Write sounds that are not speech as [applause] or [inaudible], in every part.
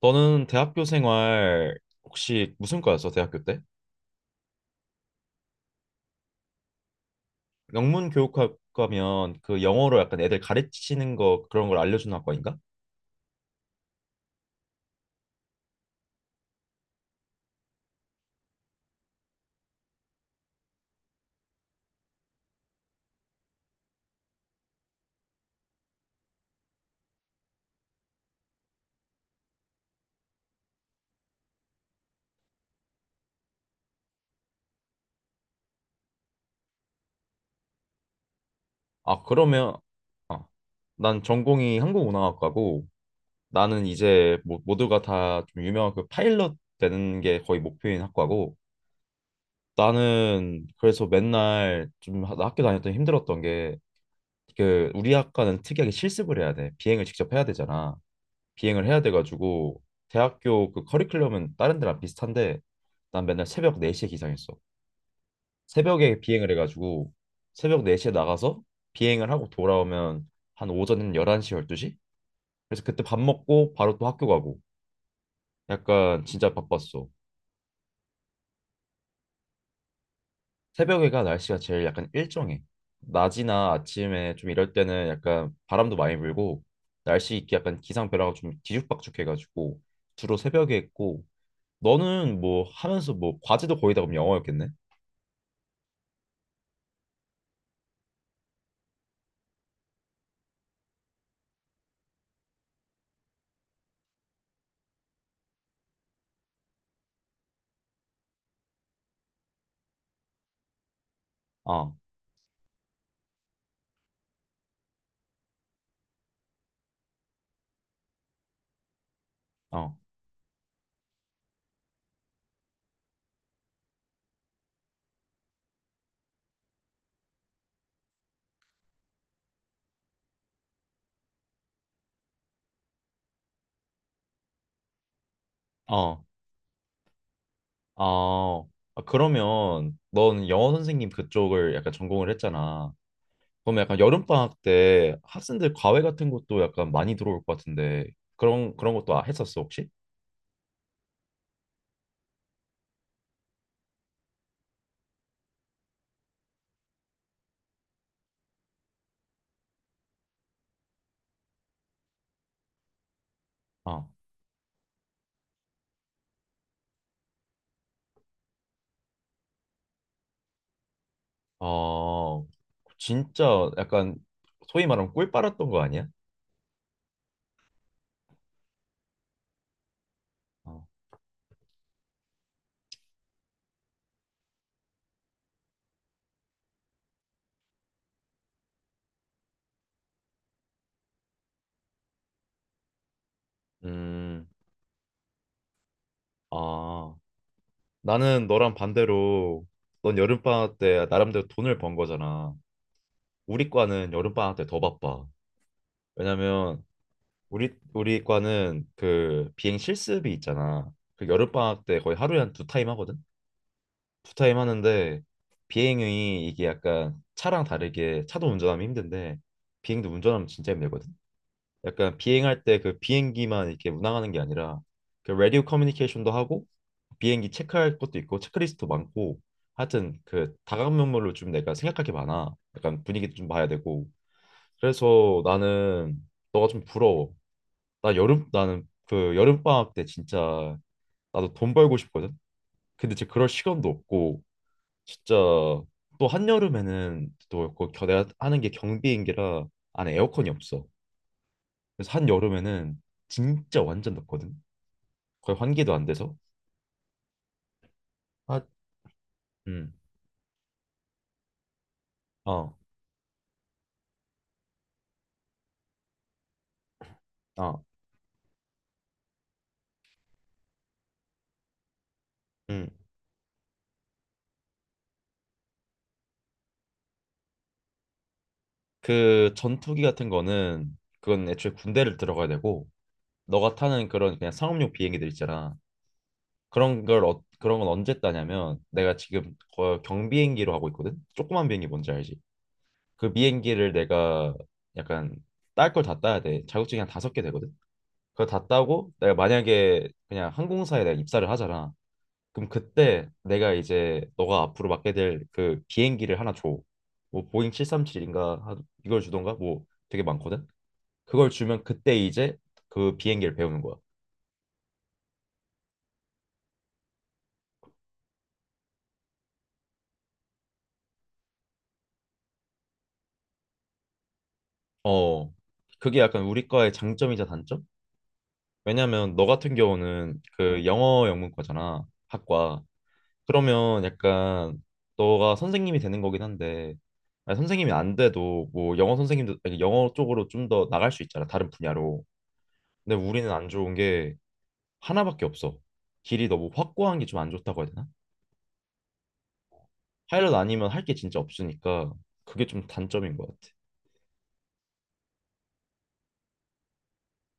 너는 대학교 생활. 혹시 무슨 과였어, 대학교 때? 영문 교육학과면 그 영어로 약간 애들 가르치는 거 그런 걸 알려주는 학과인가? 아, 그러면. 아, 난 전공이 항공운항학과고, 나는 이제 뭐, 모두가 다 좀 유명한 그 파일럿 되는 게 거의 목표인 학과고, 나는 그래서 맨날 좀 나 학교 다닐 때 힘들었던 게, 그 우리 학과는 특이하게 실습을 해야 돼. 비행을 직접 해야 되잖아. 비행을 해야 돼가지고, 대학교 그 커리큘럼은 다른 데랑 비슷한데, 난 맨날 새벽 4시에 기상했어. 새벽에 비행을 해가지고, 새벽 4시에 나가서 비행을 하고 돌아오면 한 오전 11시, 12시? 그래서 그때 밥 먹고 바로 또 학교 가고, 약간 진짜 바빴어. 새벽에가 날씨가 제일 약간 일정해. 낮이나 아침에 좀 이럴 때는 약간 바람도 많이 불고, 날씨 약간 기상 변화가 좀 뒤죽박죽해가지고 주로 새벽에 했고. 너는 뭐 하면서 뭐 과제도 거의 다 그럼 영어였겠네? 어, 어, 어, 어. 아, 그러면 넌 영어 선생님 그쪽을 약간 전공을 했잖아. 그러면 약간 여름방학 때 학생들 과외 같은 것도 약간 많이 들어올 것 같은데, 그런 것도 했었어 혹시? 어, 어, 진짜 약간 소위 말하면 꿀 빨았던 거 아니야? 어. 음, 아, 나는 너랑 반대로, 넌 여름방학 때 나름대로 돈을 번 거잖아. 우리 과는 여름방학 때 더 바빠. 왜냐면 우리 과는 그 비행 실습이 있잖아. 그 여름방학 때 거의 하루에 한 두 타임 하거든. 두 타임 하는데, 비행이 이게 약간 차랑 다르게, 차도 운전하면 힘든데 비행도 운전하면 진짜 힘들거든. 약간 비행할 때 그 비행기만 이렇게 운항하는 게 아니라, 그 라디오 커뮤니케이션도 하고, 비행기 체크할 것도 있고 체크리스트도 많고, 하여튼 그 다각면모로 좀 내가 생각할 게 많아. 약간 분위기도 좀 봐야 되고. 그래서 나는 너가 좀 부러워. 나 여름, 나는 그 여름 방학 때 진짜 나도 돈 벌고 싶거든. 근데 이제 그럴 시간도 없고, 진짜 또 한여름에는 또그 내가 하는 게 경비행기라 안에 에어컨이 없어. 그래서 한여름에는 진짜 완전 덥거든. 거의 환기도 안 돼서. 아, 음. 어. 어. 음. 그 전투기 같은 거는 그건 애초에 군대를 들어가야 되고, 너가 타는 그런 그냥 상업용 비행기들 있잖아. 그런 걸, 어, 그런 건 언제 따냐면, 내가 지금 경비행기로 하고 있거든. 조그만 비행기 뭔지 알지? 그 비행기를 내가 약간 딸 걸 다 따야 돼. 자격증이 한 다섯 개 되거든. 그거 다 따고 내가 만약에 그냥 항공사에 내가 입사를 하잖아. 그럼 그때 내가 이제 너가 앞으로 맡게 될 그 비행기를 하나 줘. 뭐 보잉 737인가 이걸 주던가 뭐 되게 많거든. 그걸 주면 그때 이제 그 비행기를 배우는 거야. 어. 그게 약간 우리 과의 장점이자 단점? 왜냐면 너 같은 경우는 그 영어 영문과잖아, 학과. 그러면 약간 너가 선생님이 되는 거긴 한데, 아니, 선생님이 안 돼도 뭐 영어 선생님도, 아니, 영어 쪽으로 좀 더 나갈 수 있잖아, 다른 분야로. 근데 우리는 안 좋은 게 하나밖에 없어. 길이 너무 확고한 게 좀 안 좋다고 해야 되나? 파일럿 아니면 할 게 진짜 없으니까, 그게 좀 단점인 것 같아.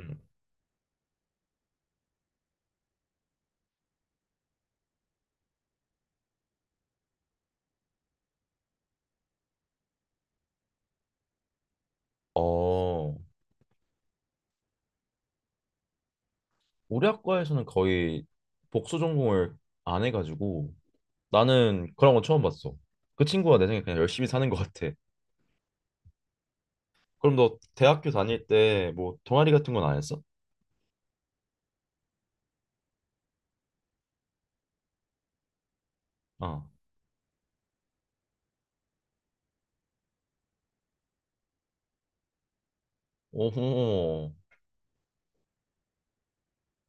음. 어, 우리 학과에서는 거의 복수 전공을 안 해가지고 나는 그런 건 처음 봤어. 그 친구가 내 생각에 그냥 열심히 사는 것 같아. 그럼 너 대학교 다닐 때 뭐 동아리 같은 건 안 했어? 아, 오호,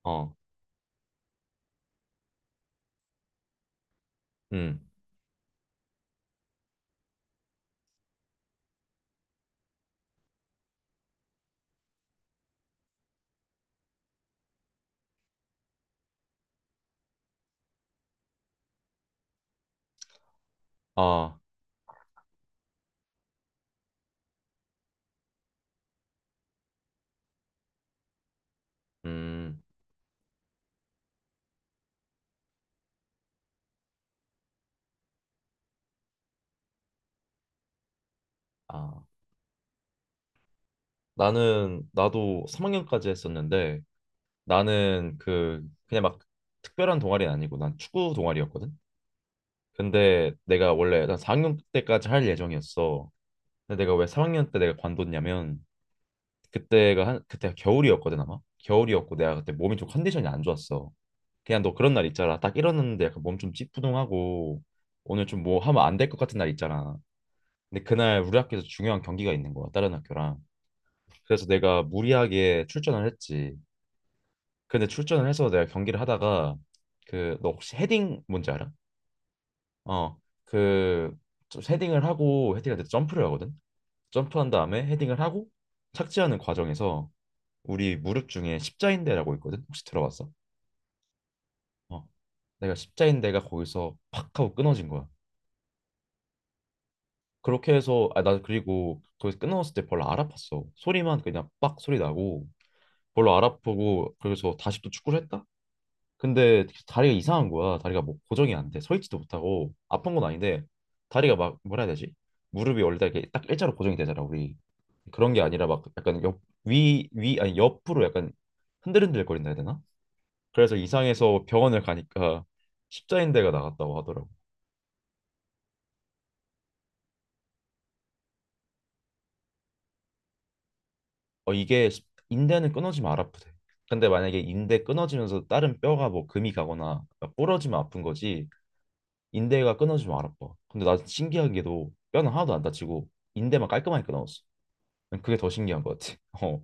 어, 음, 아, 음, 아. 나는 나도 3학년까지 했었는데, 나는 그 그냥 막 특별한 동아리는 아니고 난 축구 동아리였거든. 근데 내가 원래 난 4학년 때까지 할 예정이었어. 근데 내가 왜 3학년 때 내가 관뒀냐면, 그때가 한, 그때가 겨울이었거든 아마. 겨울이었고 내가 그때 몸이 좀 컨디션이 안 좋았어. 그냥 너 그런 날 있잖아. 딱 일어났는데 약간 몸 좀 찌뿌둥하고 오늘 좀 뭐 하면 안 될 것 같은 날 있잖아. 근데 그날 우리 학교에서 중요한 경기가 있는 거야. 다른 학교랑. 그래서 내가 무리하게 출전을 했지. 근데 출전을 해서 내가 경기를 하다가, 그 너 혹시 헤딩 뭔지 알아? 어. 그 헤딩을 하고, 헤딩할 때 점프를 하거든. 점프한 다음에 헤딩을 하고 착지하는 과정에서, 우리 무릎 중에 십자인대라고 있거든. 혹시 들어봤어? 어. 내가 십자인대가 거기서 팍 하고 끊어진 거야. 그렇게 해서, 아 나 그리고 거기서 끝나왔을 때 별로 안 아팠어. 소리만 그냥 빡 소리 나고 별로 안 아프고, 그래서 다시 또 축구를 했다. 근데 다리가 이상한 거야. 다리가 뭐 고정이 안 돼, 서 있지도 못하고, 아픈 건 아닌데 다리가 막, 뭐라 해야 되지, 무릎이 원래 다 이렇게 딱 일자로 고정이 되잖아, 우리. 그런 게 아니라 막 약간 옆, 위, 위 아니 옆으로 약간 흔들흔들 거린다 해야 되나. 그래서 이상해서 병원을 가니까 십자인대가 나갔다고 하더라고. 어, 이게 인대는 끊어지면 안 아프대. 근데 만약에 인대 끊어지면서 다른 뼈가 뭐 금이 가거나 막 부러지면 아픈 거지, 인대가 끊어지면 안 아파. 근데 나 신기한 게도 뼈는 하나도 안 다치고 인대만 깔끔하게 끊어졌어. 난 그게 더 신기한 것 같아. [laughs] 어,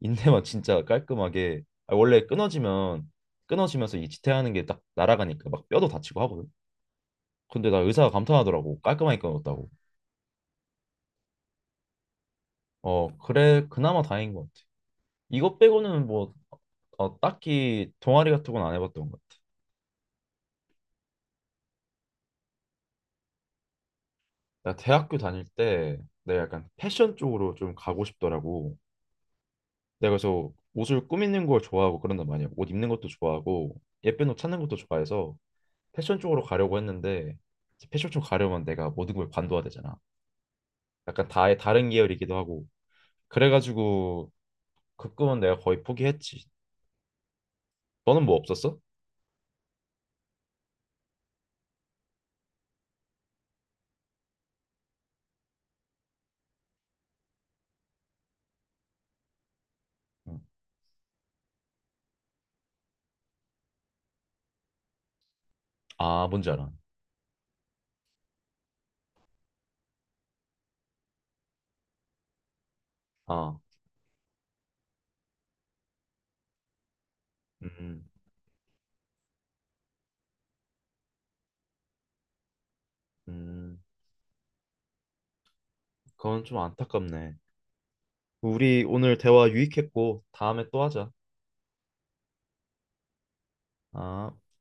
인대만 진짜 깔끔하게, 아, 원래 끊어지면, 끊어지면서 이 지탱하는 게 딱 날아가니까 막 뼈도 다치고 하거든. 근데 나 의사가 감탄하더라고, 깔끔하게 끊었다고. 어 그래, 그나마 다행인 것 같아. 이것 빼고는 뭐, 어, 딱히 동아리 같은 건 안 해봤던 것 같아. 나 대학교 다닐 때 내가 약간 패션 쪽으로 좀 가고 싶더라고. 내가 그래서 옷을 꾸미는 걸 좋아하고 그런단 말이야. 옷 입는 것도 좋아하고 예쁜 옷 찾는 것도 좋아해서 패션 쪽으로 가려고 했는데, 이제 패션 쪽 가려면 내가 모든 걸 관둬야 되잖아. 약간 다의 다른 계열이기도 하고 그래가지고, 그 꿈은 내가 거의 포기했지. 너는 뭐 없었어? 응. 아 뭔지 알아. 아, 음, 음, 그건 좀 안타깝네. 우리 오늘 대화 유익했고 다음에 또 하자. 아.